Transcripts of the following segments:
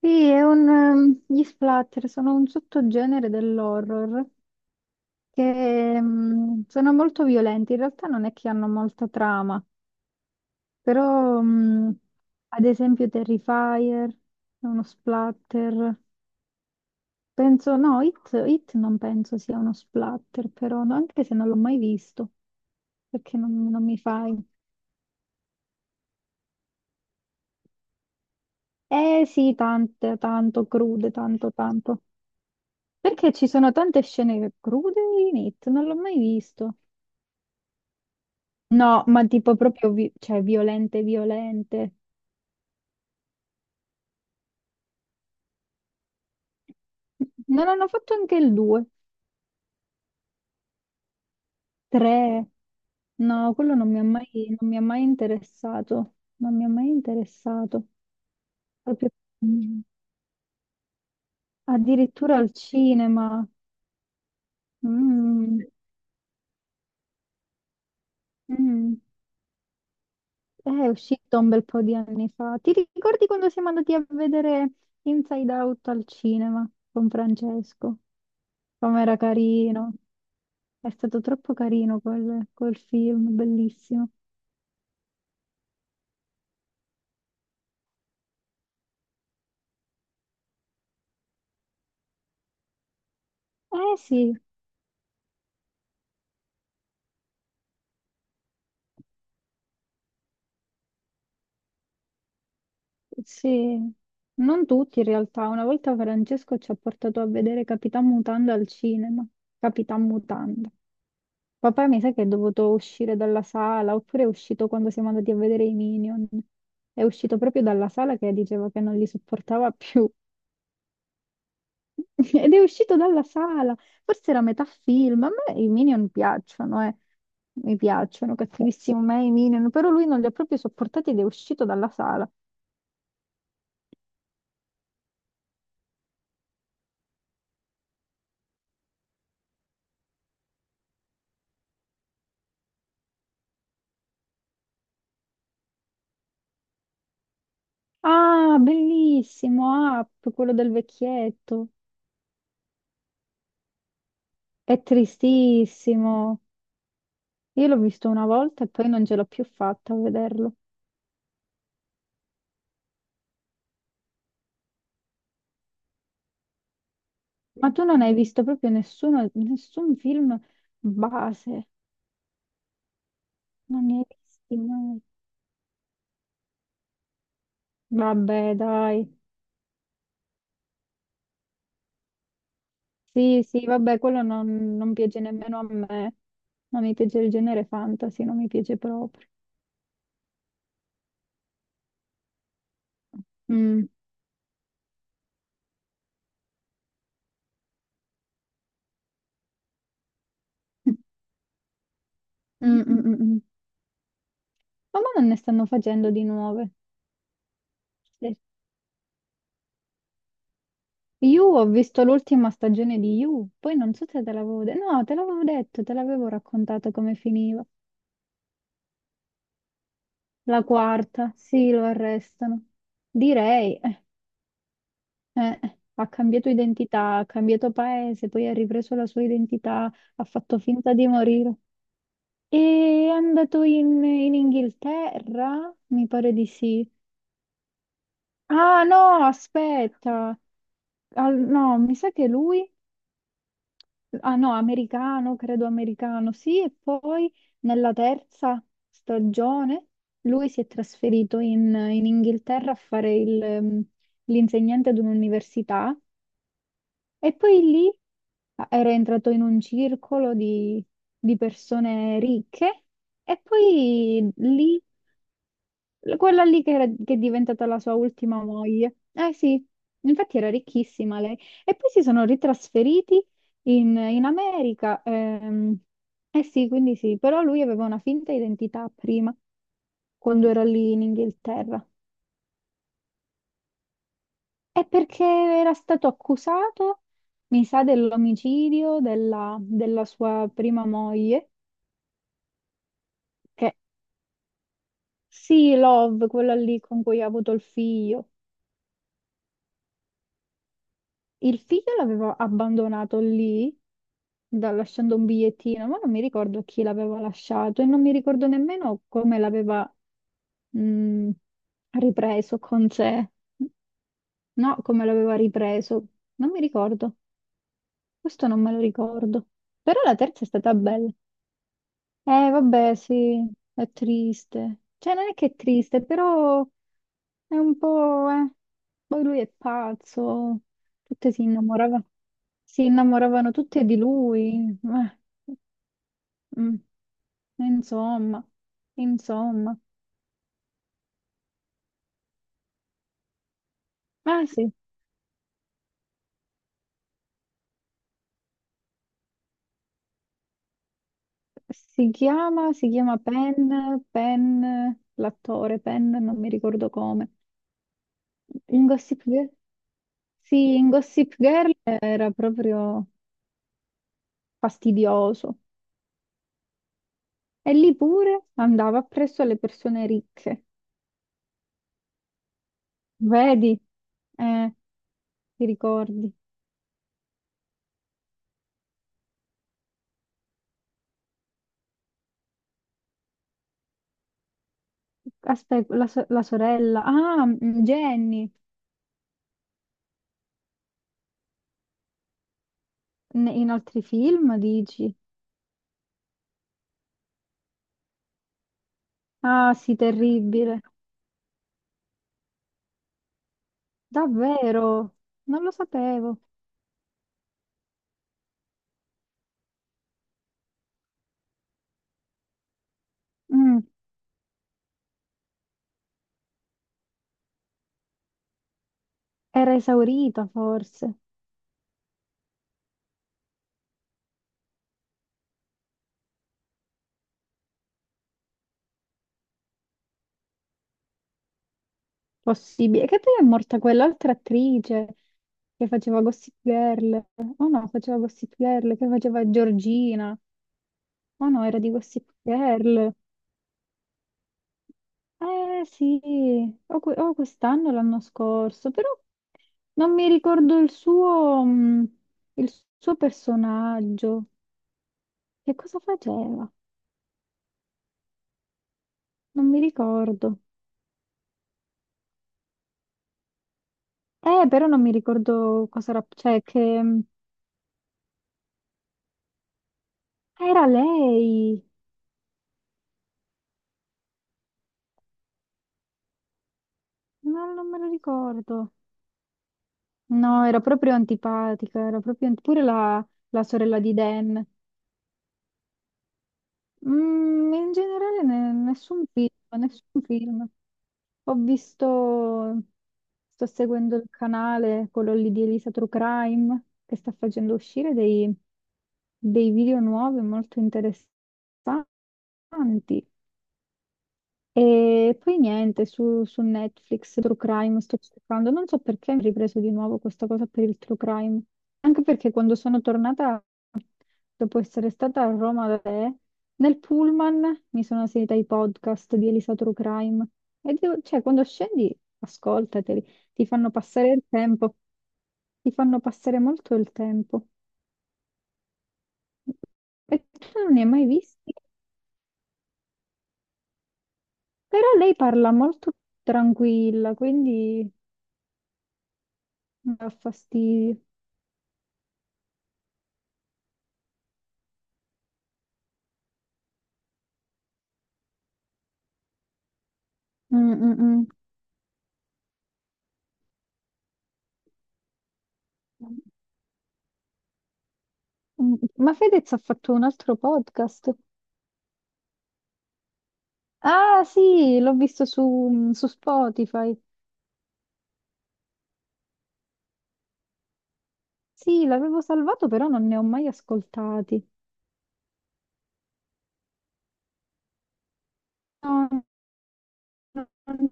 Sì, gli splatter sono un sottogenere dell'horror che sono molto violenti. In realtà non è che hanno molta trama, però ad esempio Terrifier è uno splatter. Penso, no, It non penso sia uno splatter, però no, anche se non l'ho mai visto, perché non mi fai. Eh sì, tanto crude, tanto, tanto. Perché ci sono tante scene crude in It, non l'ho mai visto. No, ma tipo proprio, cioè, violente, violente. Non hanno fatto anche il 2, 3. No, quello non mi ha mai interessato. Non mi ha mai interessato. Proprio- Mm. Addirittura al cinema. Mm. Mm. È uscito un bel po' di anni fa. Ti ricordi quando siamo andati a vedere Inside Out al cinema con Francesco? Com'era carino. È stato troppo carino quel film, bellissimo. Eh sì, sì, non tutti in realtà. Una volta Francesco ci ha portato a vedere Capitan Mutanda al cinema. Capitan Mutanda. Papà mi sa che è dovuto uscire dalla sala, oppure è uscito quando siamo andati a vedere i Minion. È uscito proprio dalla sala che diceva che non li sopportava più. Ed è uscito dalla sala, forse era metà film. A me i Minion piacciono, eh. Mi piacciono, cattivissimo me i Minion, però lui non li ha proprio sopportati ed è uscito dalla sala. Ah, bellissimo, Up, quello del vecchietto. È tristissimo. Io l'ho visto una volta e poi non ce l'ho più fatta a vederlo. Ma tu non hai visto proprio nessun film base, non ne hai visti mai. Vabbè, dai. Sì, sì, vabbè, quello non piace nemmeno a me. Non mi piace il genere fantasy, non mi piace proprio. Mm. Mm, mm, mm, mm. Ma mo non ne stanno facendo di nuove. Sì. Io ho visto l'ultima stagione di You, poi non so se te l'avevo detto. No, te l'avevo detto, te l'avevo raccontato come finiva. La quarta, sì, lo arrestano. Direi, eh, ha cambiato identità, ha cambiato paese, poi ha ripreso la sua identità, ha fatto finta di morire. E è andato in Inghilterra? Mi pare di sì. Ah no, aspetta. Ah, no, mi sa che lui... Ah no, americano, credo americano, sì. E poi nella terza stagione lui si è trasferito in Inghilterra a fare il, l'insegnante ad un'università e poi lì ah, era entrato in un circolo di persone ricche e poi lì... Quella lì che è diventata la sua ultima moglie. Eh sì, infatti era ricchissima lei. E poi si sono ritrasferiti in America. Eh sì, quindi sì, però lui aveva una finta identità prima, quando era lì in Inghilterra. È perché era stato accusato, mi sa, dell'omicidio della sua prima moglie, che sì, Love, quella lì con cui ha avuto il figlio. Il figlio l'avevo abbandonato lì, lasciando un bigliettino, ma non mi ricordo chi l'aveva lasciato e non mi ricordo nemmeno come l'aveva mh, ripreso con sé. No, come l'aveva ripreso, non mi ricordo. Questo non me lo ricordo. Però la terza è stata bella. Vabbè, sì, è triste. Cioè, non è che è triste, però è un po', eh. Poi lui è pazzo, tutte si innamoravano tutte di lui. Mm, Insomma, insomma. Ah sì, si chiama Penn, l'attore Penn, non mi ricordo come. In Gossip Girl? Sì, in Gossip Girl era proprio fastidioso. E lì pure andava appresso alle persone ricche. Vedi? Eh, ti ricordi? Aspetta, la sorella. Ah, Jenny. In altri film, dici? Ah, sì, terribile. Davvero? Non lo sapevo. Mm. Era esaurita, forse. Possibile. Che poi è morta quell'altra attrice che faceva Gossip Girl. Oh no, faceva Gossip Girl, che faceva Georgina. Oh no, era di Gossip Girl. Eh sì, o quest'anno o l'anno scorso, però non mi ricordo il suo personaggio. Che cosa faceva? Non mi ricordo. Però non mi ricordo cosa era, cioè che ah, era lei. No, non me lo ricordo. No, era proprio antipatica, era proprio pure la sorella di Dan. Mm, in generale nessun film, nessun film. Ho visto, sto seguendo il canale, quello lì di Elisa True Crime, che sta facendo uscire dei video nuovi molto interessanti. E poi niente, su Netflix, True Crime, sto cercando. Non so perché mi ho ripreso di nuovo questa cosa per il True Crime. Anche perché quando sono tornata dopo essere stata a Roma da te, nel pullman mi sono seguita i podcast di Elisa True Crime e cioè, quando scendi, ascoltateli, ti fanno passare il tempo, ti fanno passare molto il tempo. E tu non ne hai mai visti, però lei parla molto tranquilla, quindi mi dà fastidio. Mm, mm, mm. Mm. Ma Fedez ha fatto un altro podcast. Ah sì, l'ho visto su Spotify. Sì, l'avevo salvato, però non ne ho mai ascoltati. No, non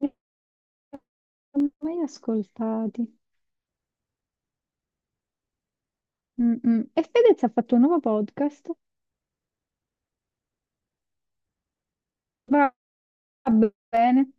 ne ho mai ascoltati. Mm, mm. E Fedez ha fatto un nuovo podcast. Va bene.